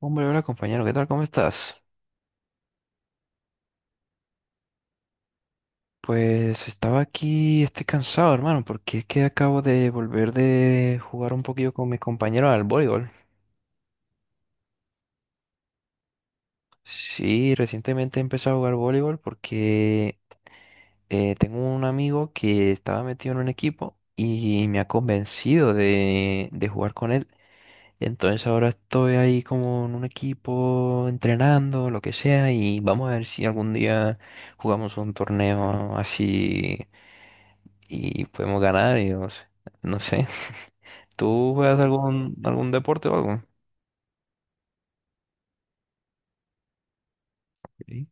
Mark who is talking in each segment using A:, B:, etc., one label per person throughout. A: Hombre, hola compañero, ¿qué tal? ¿Cómo estás? Pues estaba aquí, estoy cansado, hermano, porque es que acabo de volver de jugar un poquillo con mis compañeros al voleibol. Sí, recientemente empecé a jugar voleibol porque tengo un amigo que estaba metido en un equipo y me ha convencido de jugar con él. Entonces ahora estoy ahí como en un equipo entrenando, lo que sea, y vamos a ver si algún día jugamos un torneo así y podemos ganar y no sé. No sé. ¿Tú juegas algún deporte o algo? Sí.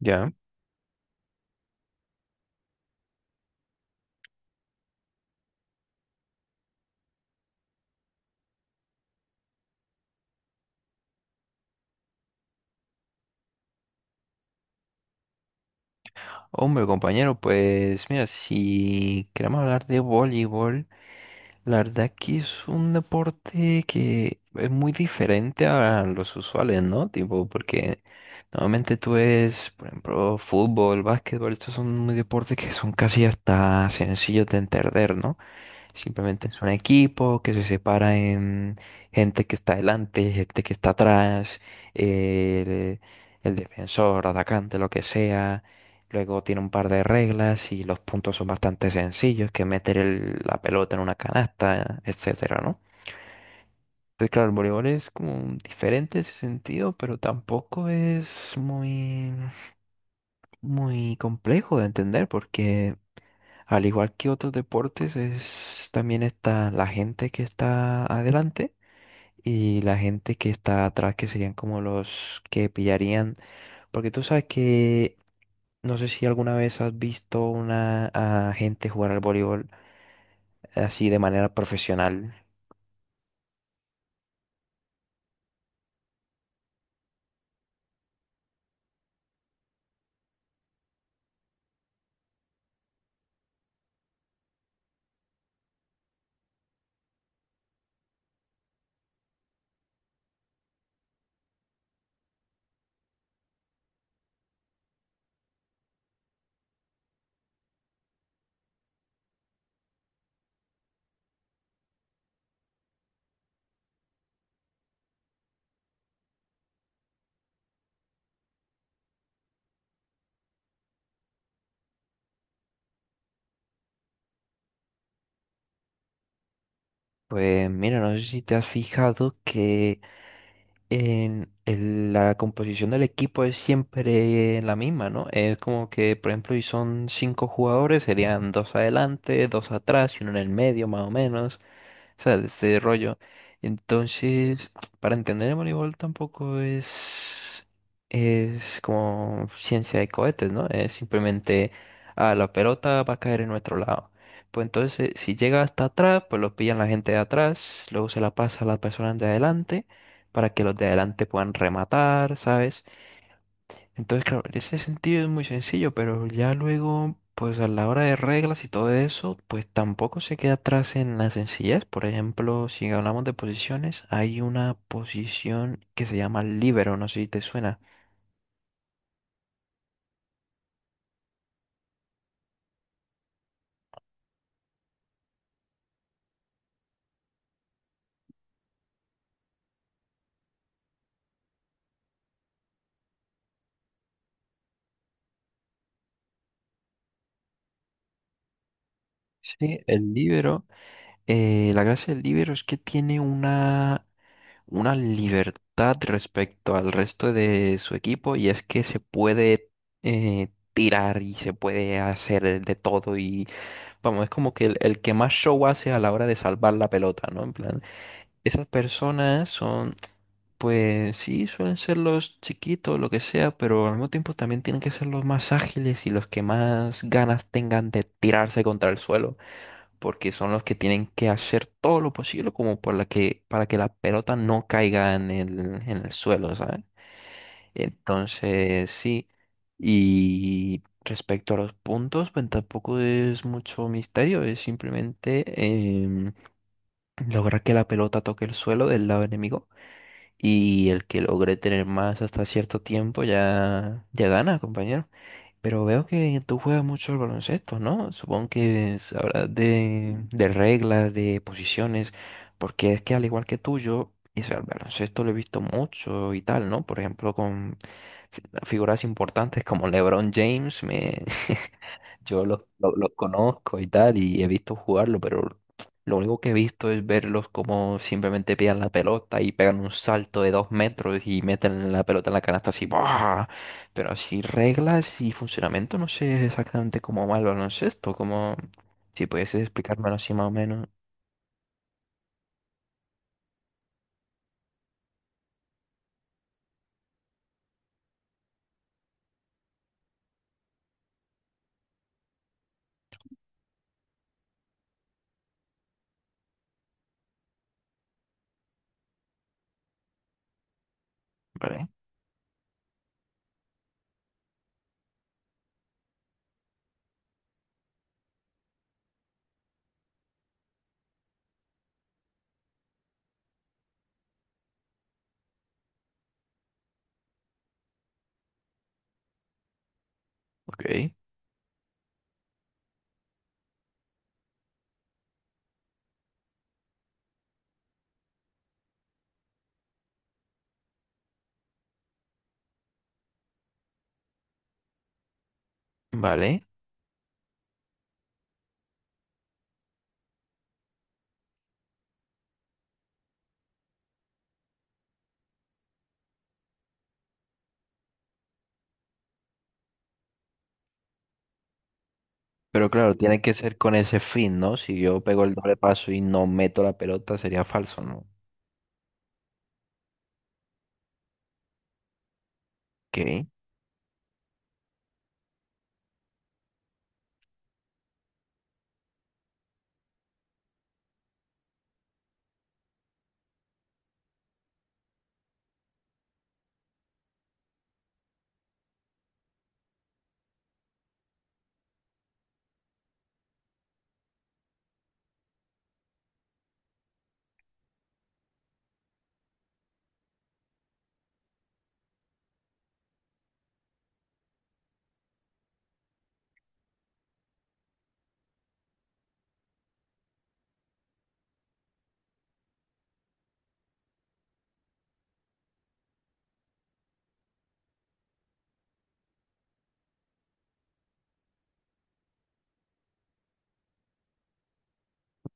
A: Ya. Hombre, compañero, pues mira, si queremos hablar de voleibol, la verdad que es un deporte que es muy diferente a los usuales, ¿no? Tipo, porque normalmente tú ves, por ejemplo, fútbol, básquetbol, estos son muy deportes que son casi hasta sencillos de entender, ¿no? Simplemente es un equipo que se separa en gente que está adelante, gente que está atrás, el, el defensor, atacante, lo que sea. Luego tiene un par de reglas y los puntos son bastante sencillos, que meter la pelota en una canasta, etcétera, ¿no? Entonces, claro, el voleibol es como diferente en ese sentido, pero tampoco es muy, muy complejo de entender porque al igual que otros deportes, es, también está la gente que está adelante y la gente que está atrás, que serían como los que pillarían. Porque tú sabes que no sé si alguna vez has visto una a gente jugar al voleibol así de manera profesional. Pues mira, no sé si te has fijado que en la composición del equipo es siempre la misma, ¿no? Es como que, por ejemplo, si son cinco jugadores, serían dos adelante, dos atrás y uno en el medio, más o menos. O sea, de ese rollo. Entonces, para entender el voleibol tampoco es como ciencia de cohetes, ¿no? Es simplemente, ah, la pelota va a caer en nuestro lado. Pues entonces, si llega hasta atrás, pues lo pillan la gente de atrás, luego se la pasa a las personas de adelante para que los de adelante puedan rematar, ¿sabes? Entonces, claro, en ese sentido es muy sencillo, pero ya luego, pues a la hora de reglas y todo eso, pues tampoco se queda atrás en la sencillez. Por ejemplo, si hablamos de posiciones, hay una posición que se llama libero, no sé si te suena. Sí, el libero, la gracia del libero es que tiene una libertad respecto al resto de su equipo, y es que se puede eh, tirar y se puede hacer de todo. Y vamos, es como que el que más show hace a la hora de salvar la pelota, ¿no? En plan, esas personas son, pues sí, suelen ser los chiquitos, lo que sea, pero al mismo tiempo también tienen que ser los más ágiles y los que más ganas tengan de tirarse contra el suelo, porque son los que tienen que hacer todo lo posible como por la que, para que la pelota no caiga en el suelo, ¿sabes? Entonces, sí. Y respecto a los puntos, pues tampoco es mucho misterio, es simplemente em, lograr que la pelota toque el suelo del lado enemigo, y el que logre tener más hasta cierto tiempo ya, ya gana, compañero. Pero veo que tú juegas mucho al baloncesto, ¿no? Supongo que sabrás de reglas, de posiciones, porque es que al igual que tú, yo, y sea, el baloncesto lo he visto mucho y tal, ¿no? Por ejemplo, con figuras importantes como LeBron James, Yo los conozco y tal, y he visto jugarlo, pero lo único que he visto es verlos como simplemente pillan la pelota y pegan un salto de 2 metros y meten la pelota en la canasta así, ¡buah! Pero así reglas y funcionamiento, no sé exactamente cómo va el baloncesto, como si puedes explicármelo así más o menos. Vale, ok, vale. Pero claro, tiene que ser con ese fin, ¿no? Si yo pego el doble paso y no meto la pelota, sería falso, ¿no? Ok.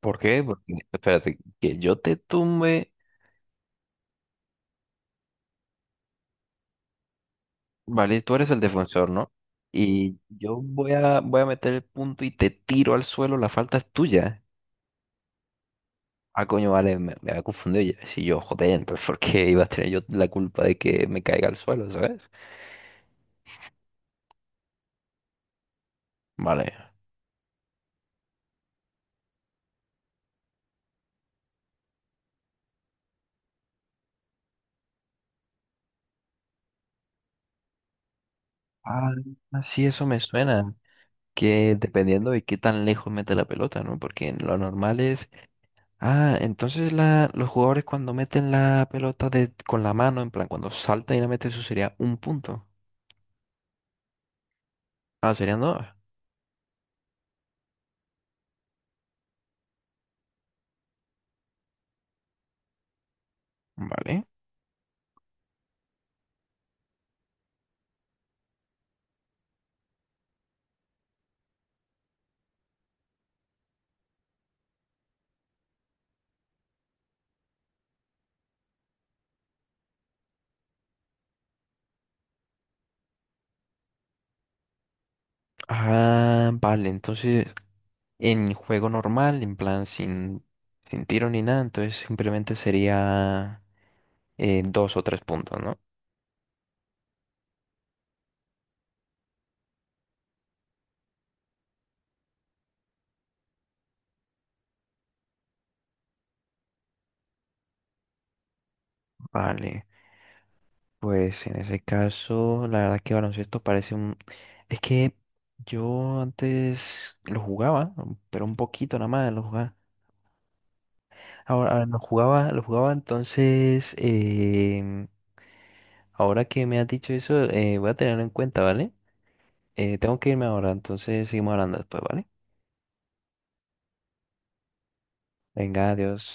A: ¿Por qué? Porque, espérate, que yo te tumbe, vale, tú eres el defensor, ¿no? Y yo voy a meter el punto y te tiro al suelo, la falta es tuya. Ah, coño, vale, me había confundido. Si yo, joder, entonces, ¿por qué iba a tener yo la culpa de que me caiga al suelo?, ¿sabes? Vale. Ah, sí, eso me suena. Que dependiendo de qué tan lejos mete la pelota, ¿no? Porque lo normal es... Ah, entonces los jugadores cuando meten la pelota con la mano, en plan, cuando saltan y la meten, eso sería un punto. Ah, serían dos. Vale. Ah, vale, entonces en juego normal, en plan, sin tiro ni nada, entonces simplemente sería dos o tres puntos, ¿no? Vale. Pues en ese caso, la verdad que baloncesto parece un... Es que yo antes lo jugaba, pero un poquito nada más lo jugaba. Ahora, ahora lo jugaba entonces. Ahora que me has dicho eso, voy a tenerlo en cuenta, ¿vale? Tengo que irme ahora, entonces seguimos hablando después, ¿vale? Venga, adiós.